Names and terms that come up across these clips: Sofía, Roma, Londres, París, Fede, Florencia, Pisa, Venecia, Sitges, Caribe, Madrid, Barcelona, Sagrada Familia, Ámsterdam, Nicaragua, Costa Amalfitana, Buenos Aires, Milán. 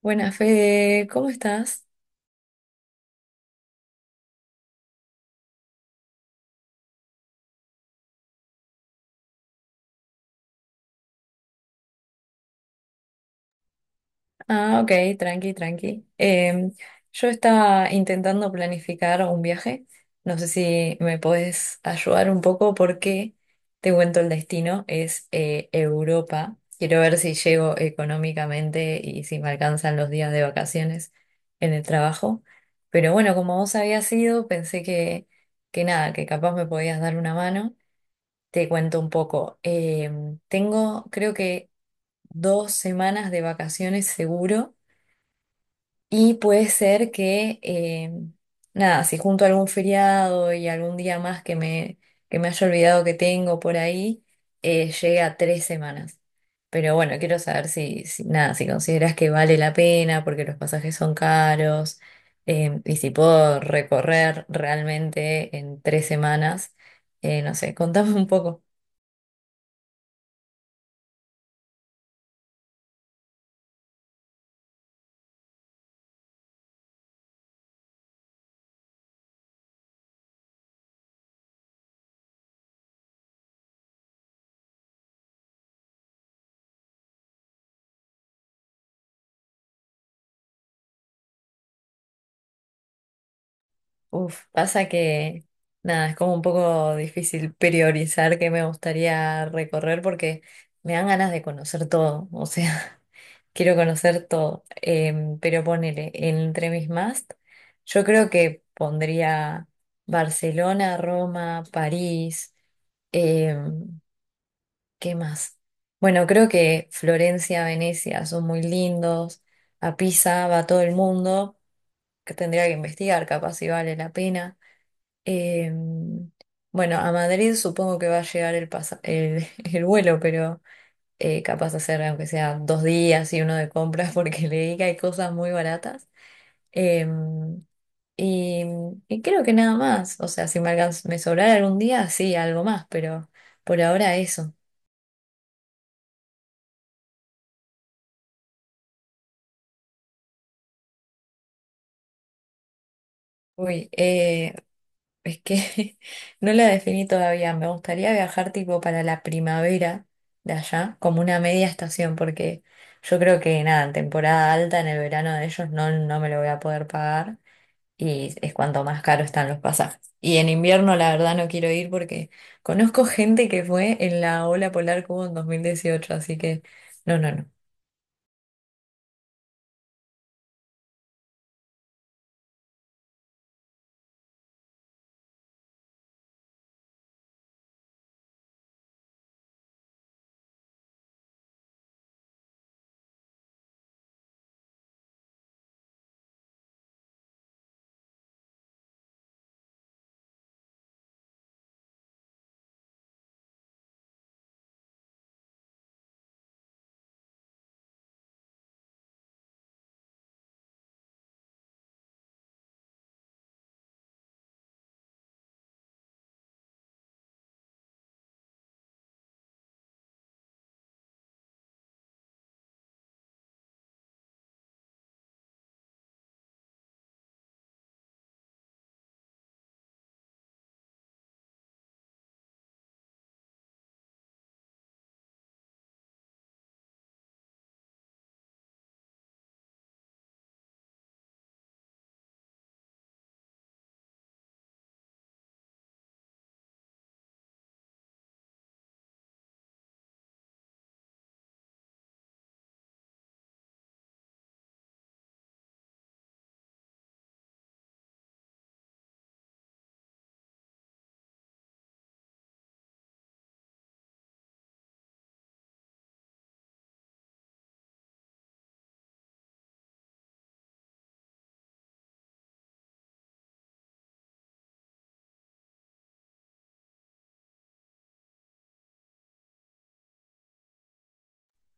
Buenas, Fede, ¿cómo estás? Ah, ok, tranqui, tranqui. Yo estaba intentando planificar un viaje. No sé si me podés ayudar un poco porque te cuento el destino, es Europa. Quiero ver si llego económicamente y si me alcanzan los días de vacaciones en el trabajo. Pero bueno, como vos habías ido, pensé que nada, que capaz me podías dar una mano. Te cuento un poco. Tengo, creo que 2 semanas de vacaciones seguro y puede ser que, nada, si junto algún feriado y algún día más que me haya olvidado que tengo por ahí, llegue a 3 semanas. Pero bueno, quiero saber nada, si consideras que vale la pena porque los pasajes son caros, y si puedo recorrer realmente en 3 semanas, no sé, contame un poco. Uf, pasa que nada, es como un poco difícil priorizar qué me gustaría recorrer porque me dan ganas de conocer todo, o sea, quiero conocer todo. Pero ponele, entre mis más, yo creo que pondría Barcelona, Roma, París, em, ¿qué más? Bueno, creo que Florencia, Venecia son muy lindos, a Pisa va todo el mundo, que tendría que investigar, capaz si vale la pena. Em, bueno, a Madrid supongo que va a llegar el vuelo, pero capaz hacer aunque sea 2 días y uno de compras porque leí que hay cosas muy baratas. Em, y, y creo que nada más, o sea, si me sobrara algún día, sí, algo más, pero por ahora eso. Uy, es que no la definí todavía. Me gustaría viajar tipo para la primavera de allá, como una media estación, porque yo creo que nada, en temporada alta, en el verano de ellos, no, no me lo voy a poder pagar y es cuanto más caro están los pasajes. Y en invierno, la verdad, no quiero ir porque conozco gente que fue en la ola polar que hubo en 2018, así que no, no, no.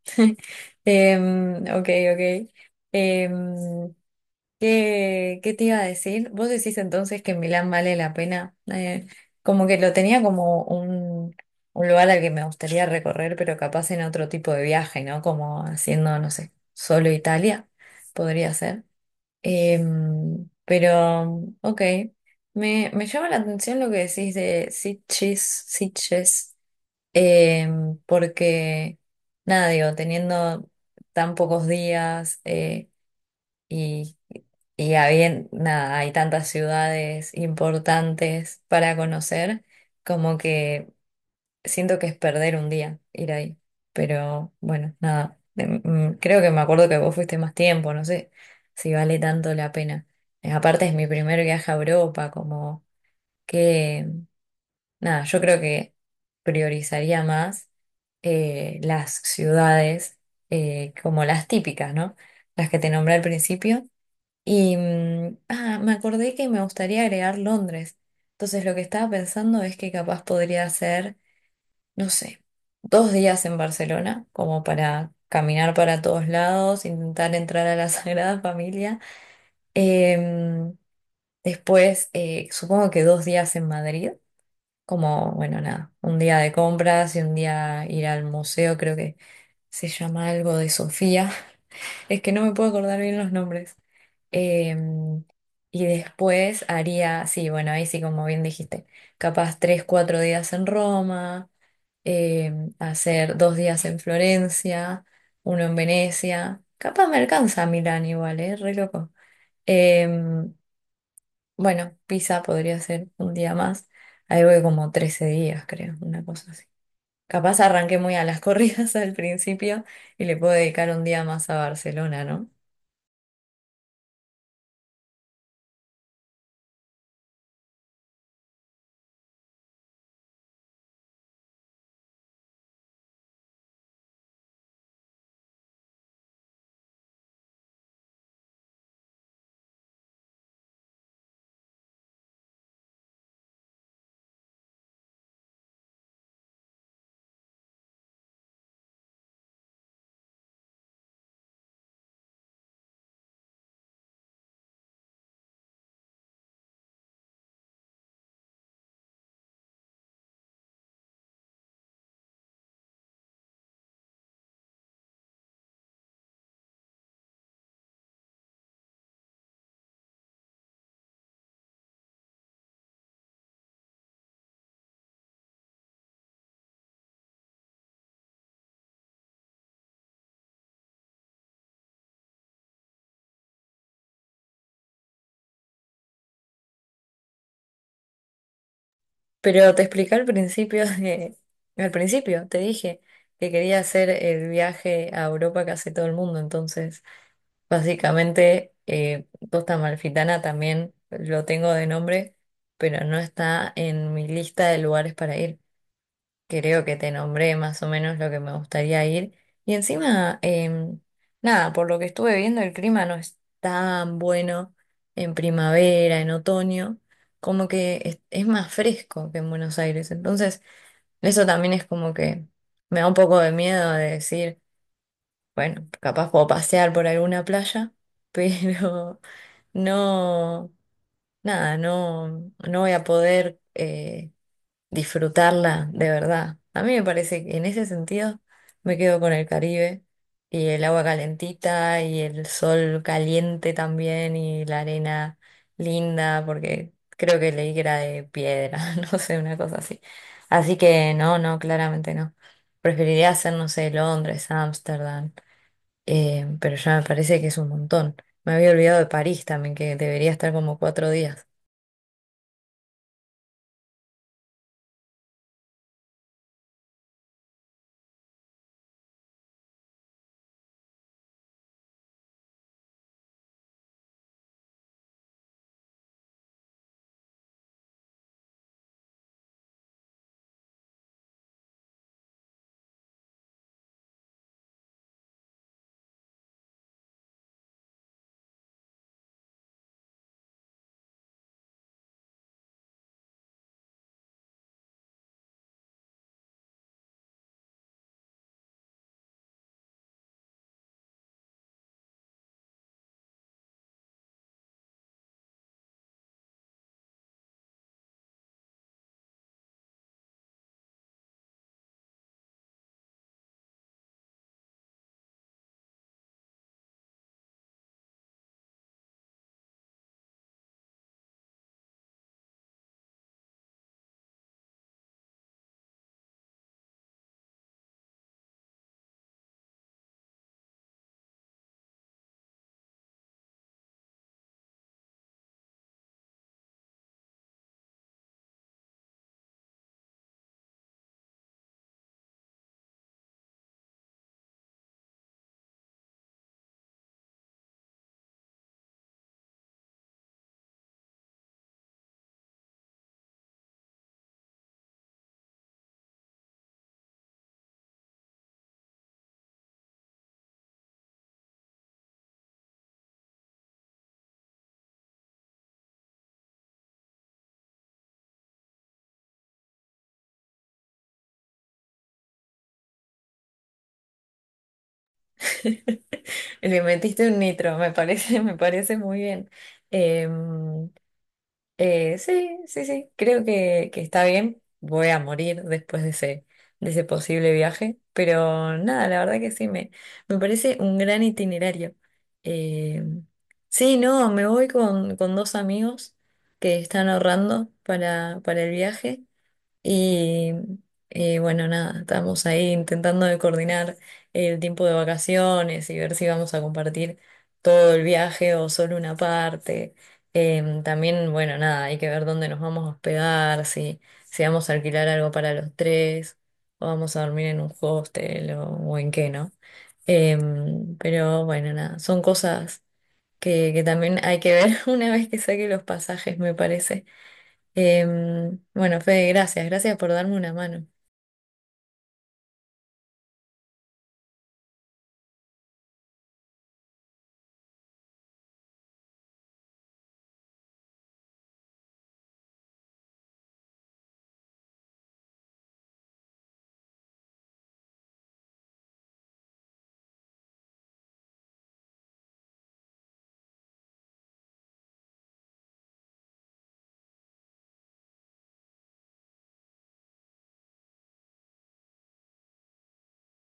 Ok, ok. Em, ¿Qué te iba a decir? ¿Vos decís entonces que Milán vale la pena? Como que lo tenía como un lugar al que me gustaría recorrer, pero capaz en otro tipo de viaje, ¿no? Como haciendo, no sé, solo Italia, podría ser. Pero, ok, me llama la atención lo que decís de Sitges, Sitges. Porque, nada, digo, teniendo tan pocos días, y, nada, hay tantas ciudades importantes para conocer, como que siento que es perder un día ir ahí. Pero bueno, nada, creo que me acuerdo que vos fuiste más tiempo, no sé si vale tanto la pena. Aparte es mi primer viaje a Europa, como que, nada, yo creo que priorizaría más, las ciudades, como las típicas, ¿no? Las que te nombré al principio y ah, me acordé que me gustaría agregar Londres. Entonces lo que estaba pensando es que capaz podría ser, no sé, 2 días en Barcelona, como para caminar para todos lados, intentar entrar a la Sagrada Familia. Em, después, supongo que 2 días en Madrid, como, bueno, nada, un día de compras y un día ir al museo, creo que se llama algo de Sofía. Es que no me puedo acordar bien los nombres. Em, y después haría, sí, bueno, ahí sí, como bien dijiste, capaz 3, 4 días en Roma, hacer 2 días en Florencia, uno en Venecia. Capaz me alcanza a Milán igual, ¿eh? Re loco. Em, bueno, Pisa podría ser un día más. Ahí voy como 13 días, creo, una cosa así. Capaz arranqué muy a las corridas al principio y le puedo dedicar un día más a Barcelona, ¿no? Pero te expliqué al principio te dije que quería hacer el viaje a Europa que hace todo el mundo, entonces básicamente, Costa Amalfitana también lo tengo de nombre, pero no está en mi lista de lugares para ir. Creo que te nombré más o menos lo que me gustaría ir. Y encima, nada, por lo que estuve viendo, el clima no es tan bueno en primavera, en otoño, como que es más fresco que en Buenos Aires. Entonces, eso también es como que me da un poco de miedo de decir, bueno, capaz puedo pasear por alguna playa, pero no, nada, no, no voy a poder... disfrutarla de verdad. A mí me parece que en ese sentido me quedo con el Caribe y el agua calentita y el sol caliente también y la arena linda, porque creo que leí que era de piedra, no sé, una cosa así. Así que no, no, claramente no. Preferiría hacer, no sé, Londres, Ámsterdam, pero ya me parece que es un montón. Me había olvidado de París también, que debería estar como 4 días. Le metiste un nitro, me parece, me parece muy bien. Em, sí, sí, sí, creo que está bien. Voy a morir después de ese posible viaje, pero nada, la verdad que sí, me parece un gran itinerario. Em, sí, no, me voy con dos amigos que están ahorrando para el viaje. Y bueno, nada, estamos ahí intentando de coordinar el tiempo de vacaciones y ver si vamos a compartir todo el viaje o solo una parte. También, bueno, nada, hay que ver dónde nos vamos a hospedar, si vamos a alquilar algo para los tres, o vamos a dormir en un hostel o en qué, ¿no? Pero bueno, nada, son cosas que también hay que ver una vez que saque los pasajes, me parece. Bueno, Fede, gracias, gracias por darme una mano.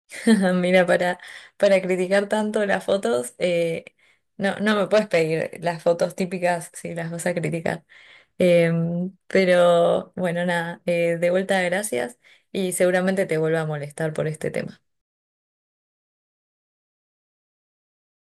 Mira, para criticar tanto las fotos, no, no me puedes pedir las fotos típicas si las vas a criticar. Pero bueno, nada, de vuelta gracias y seguramente te vuelva a molestar por este tema.